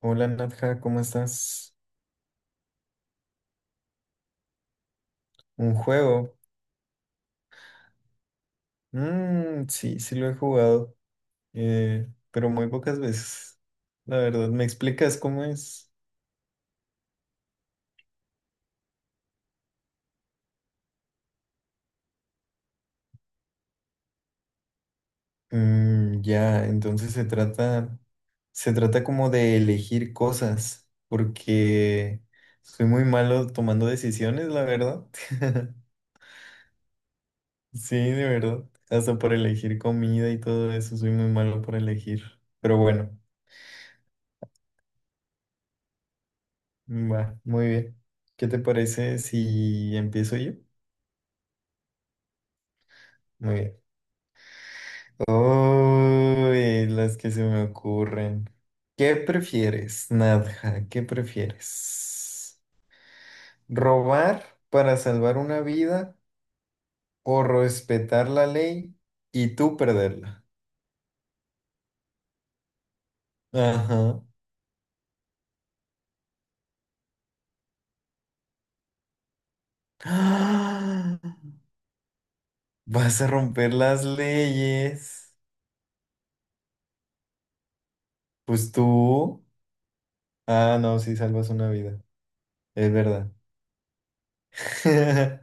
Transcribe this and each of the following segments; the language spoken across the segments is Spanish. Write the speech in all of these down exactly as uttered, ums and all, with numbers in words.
Hola Nadja, ¿cómo estás? ¿Un juego? Mm, sí, sí lo he jugado, eh, pero muy pocas veces. La verdad, ¿me explicas cómo es? Mm, ya, entonces se trata, se trata como de elegir cosas, porque soy muy malo tomando decisiones, la verdad. Sí, de verdad. Hasta por elegir comida y todo eso, soy muy malo por elegir. Pero bueno, va, muy bien. ¿Qué te parece si empiezo yo? Muy bien. Uy, las que se me ocurren. ¿Qué prefieres, Nadja? ¿Qué prefieres? ¿Robar para salvar una vida o respetar la ley y tú perderla? Ajá. ¡Ah! ¿Vas a romper las leyes? Pues tú. Ah, no, si salvas una vida. Es verdad.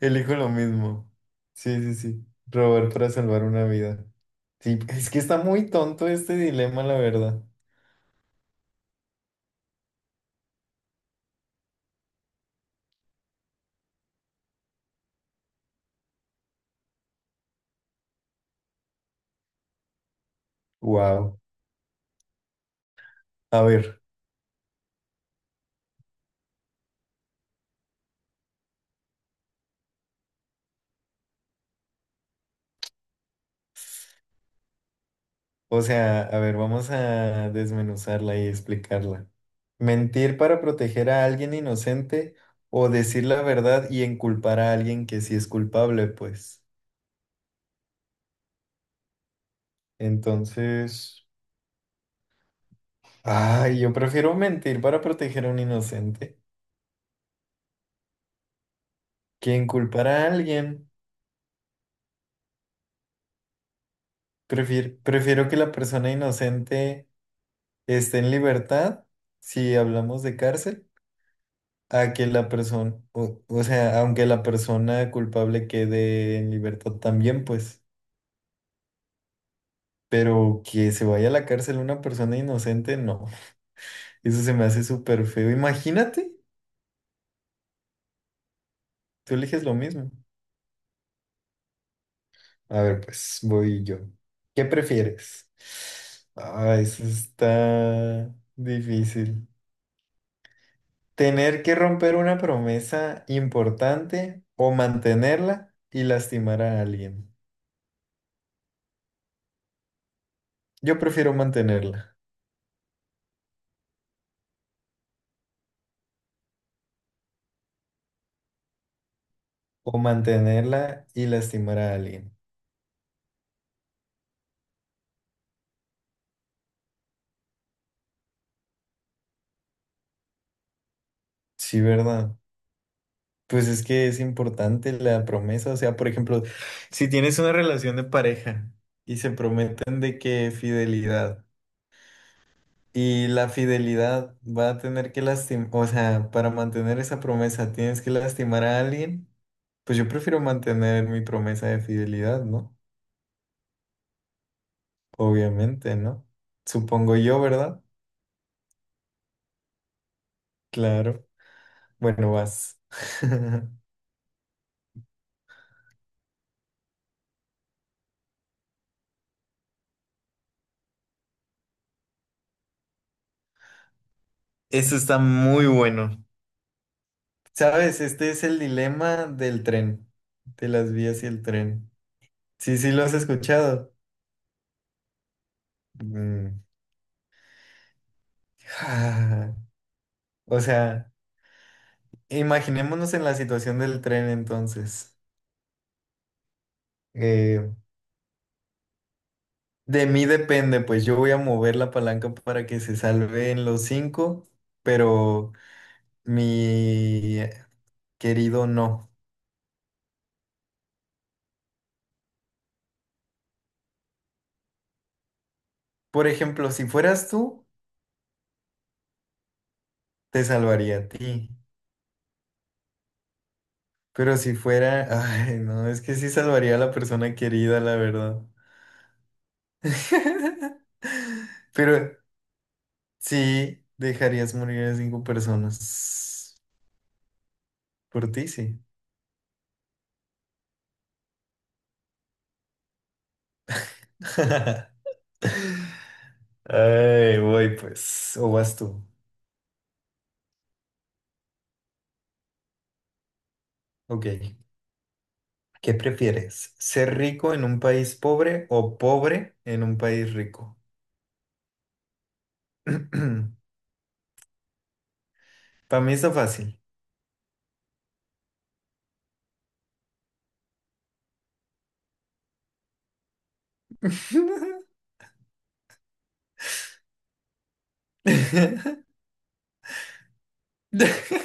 Elijo lo mismo. Sí, sí, sí. Robar para salvar una vida. Sí, es que está muy tonto este dilema, la verdad. Wow. A ver, o sea, a ver, vamos a desmenuzarla y explicarla. Mentir para proteger a alguien inocente o decir la verdad y enculpar a alguien que sí es culpable, pues. Entonces, ay, yo prefiero mentir para proteger a un inocente que enculpar a alguien. Prefiero, prefiero que la persona inocente esté en libertad, si hablamos de cárcel, a que la persona, o, o sea, aunque la persona culpable quede en libertad también, pues, pero que se vaya a la cárcel una persona inocente, no, eso se me hace súper feo. Imagínate, tú eliges lo mismo. A ver, pues, voy yo. ¿Qué prefieres? Ah, eso está difícil. Tener que romper una promesa importante o mantenerla y lastimar a alguien. Yo prefiero mantenerla o mantenerla y lastimar a alguien. Sí, ¿verdad? Pues es que es importante la promesa. O sea, por ejemplo, si tienes una relación de pareja y se prometen de que fidelidad y la fidelidad va a tener que lastimar, o sea, para mantener esa promesa tienes que lastimar a alguien, pues yo prefiero mantener mi promesa de fidelidad, ¿no? Obviamente, ¿no? Supongo yo, ¿verdad? Claro. Bueno, vas. Eso está muy bueno. ¿Sabes? Este es el dilema del tren, de las vías y el tren. Sí, sí, lo has escuchado. Mm. O sea, imaginémonos en la situación del tren entonces. Eh, de mí depende, pues yo voy a mover la palanca para que se salven los cinco, pero mi querido no. Por ejemplo, si fueras tú, te salvaría a ti. Pero si fuera, ay, no, es que sí salvaría a la persona querida, la verdad. Pero sí, dejarías morir a cinco personas. Por ti, sí. Ay, voy pues. O vas tú. Ok. ¿Qué prefieres? ¿Ser rico en un país pobre o pobre en un país rico? Para mí está fácil.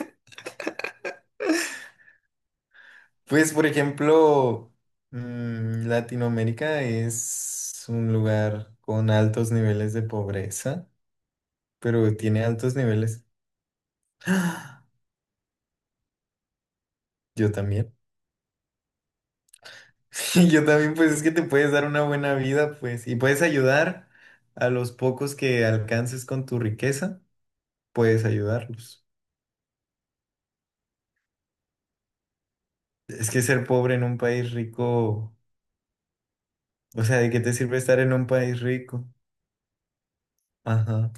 Pues, por ejemplo, mm, Latinoamérica es un lugar con altos niveles de pobreza, pero tiene altos niveles. ¡Ah! Yo también. Yo también, pues es que te puedes dar una buena vida, pues, y puedes ayudar a los pocos que alcances con tu riqueza, puedes ayudarlos. Es que ser pobre en un país rico, o sea, ¿de qué te sirve estar en un país rico? Ajá,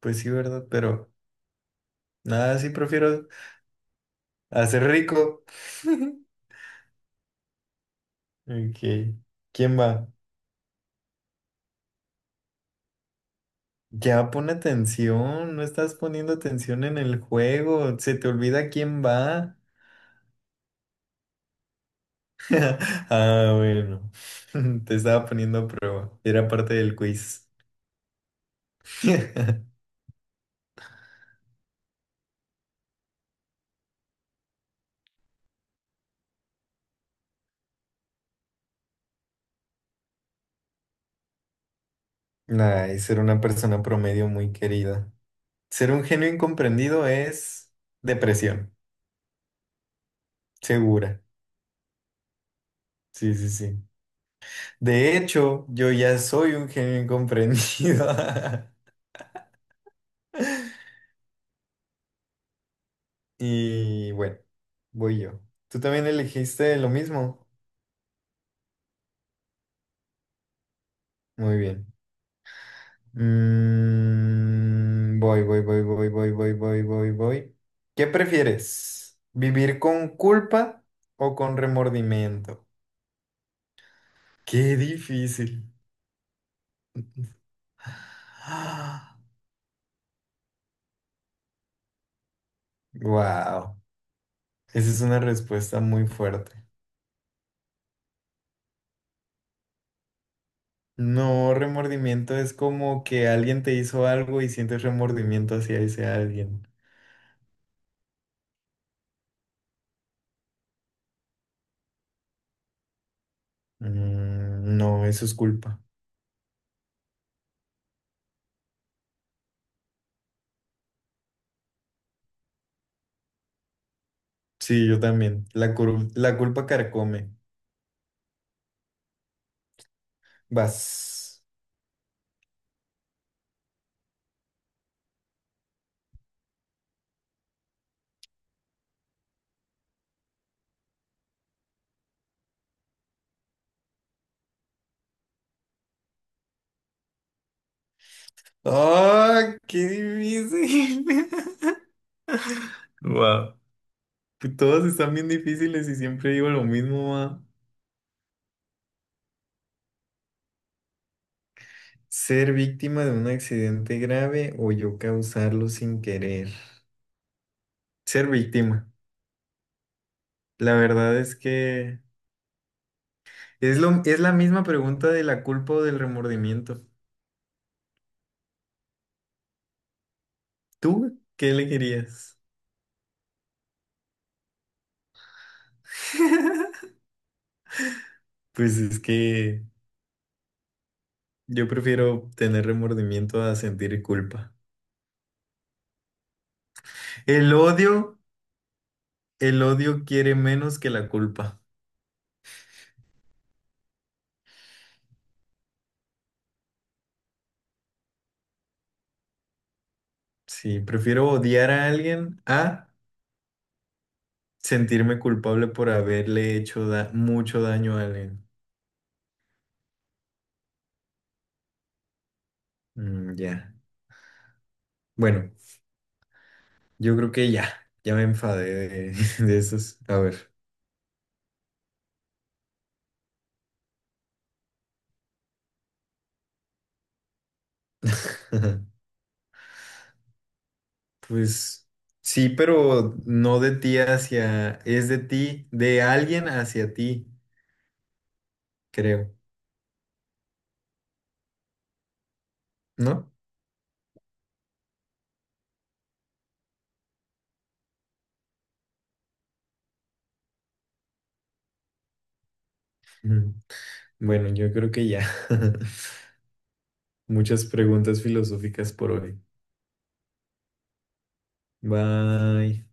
pues sí, ¿verdad? Pero nada, sí prefiero hacer rico. Ok. ¿Quién va? Ya pon atención, no estás poniendo atención en el juego, se te olvida quién va. Ah, bueno, te estaba poniendo a prueba, era parte del quiz. Ay, ser una persona promedio muy querida. Ser un genio incomprendido es depresión, segura. Sí, sí, sí. De hecho, yo ya soy un genio incomprendido. Y bueno, voy yo. ¿Tú también elegiste lo mismo? Muy bien. Mm, voy, voy, voy, voy, voy, voy, voy, voy, voy. ¿Qué prefieres? ¿Vivir con culpa o con remordimiento? Qué difícil. Wow, esa es una respuesta muy fuerte. No, remordimiento es como que alguien te hizo algo y sientes remordimiento hacia ese alguien. Mm, no, eso es culpa. Sí, yo también. La, cul- la culpa carcome. Vas. ¡Ah! ¡Qué difícil! Wow. Todos están bien difíciles y siempre digo lo mismo, ma. Ser víctima de un accidente grave o yo causarlo sin querer. Ser víctima. La verdad es que es lo, es la misma pregunta de la culpa o del remordimiento. ¿Tú qué elegirías? Pues es que yo prefiero tener remordimiento a sentir culpa. El odio, el odio quiere menos que la culpa. Sí, prefiero odiar a alguien a sentirme culpable por haberle hecho da- mucho daño a alguien. Mm, ya. Bueno, yo creo que ya, ya me enfadé de, de esos. A ver. Pues sí, pero no de ti hacia, es de ti, de alguien hacia ti, creo, ¿no? Mm. Bueno, yo creo que ya. Muchas preguntas filosóficas por hoy. Bye.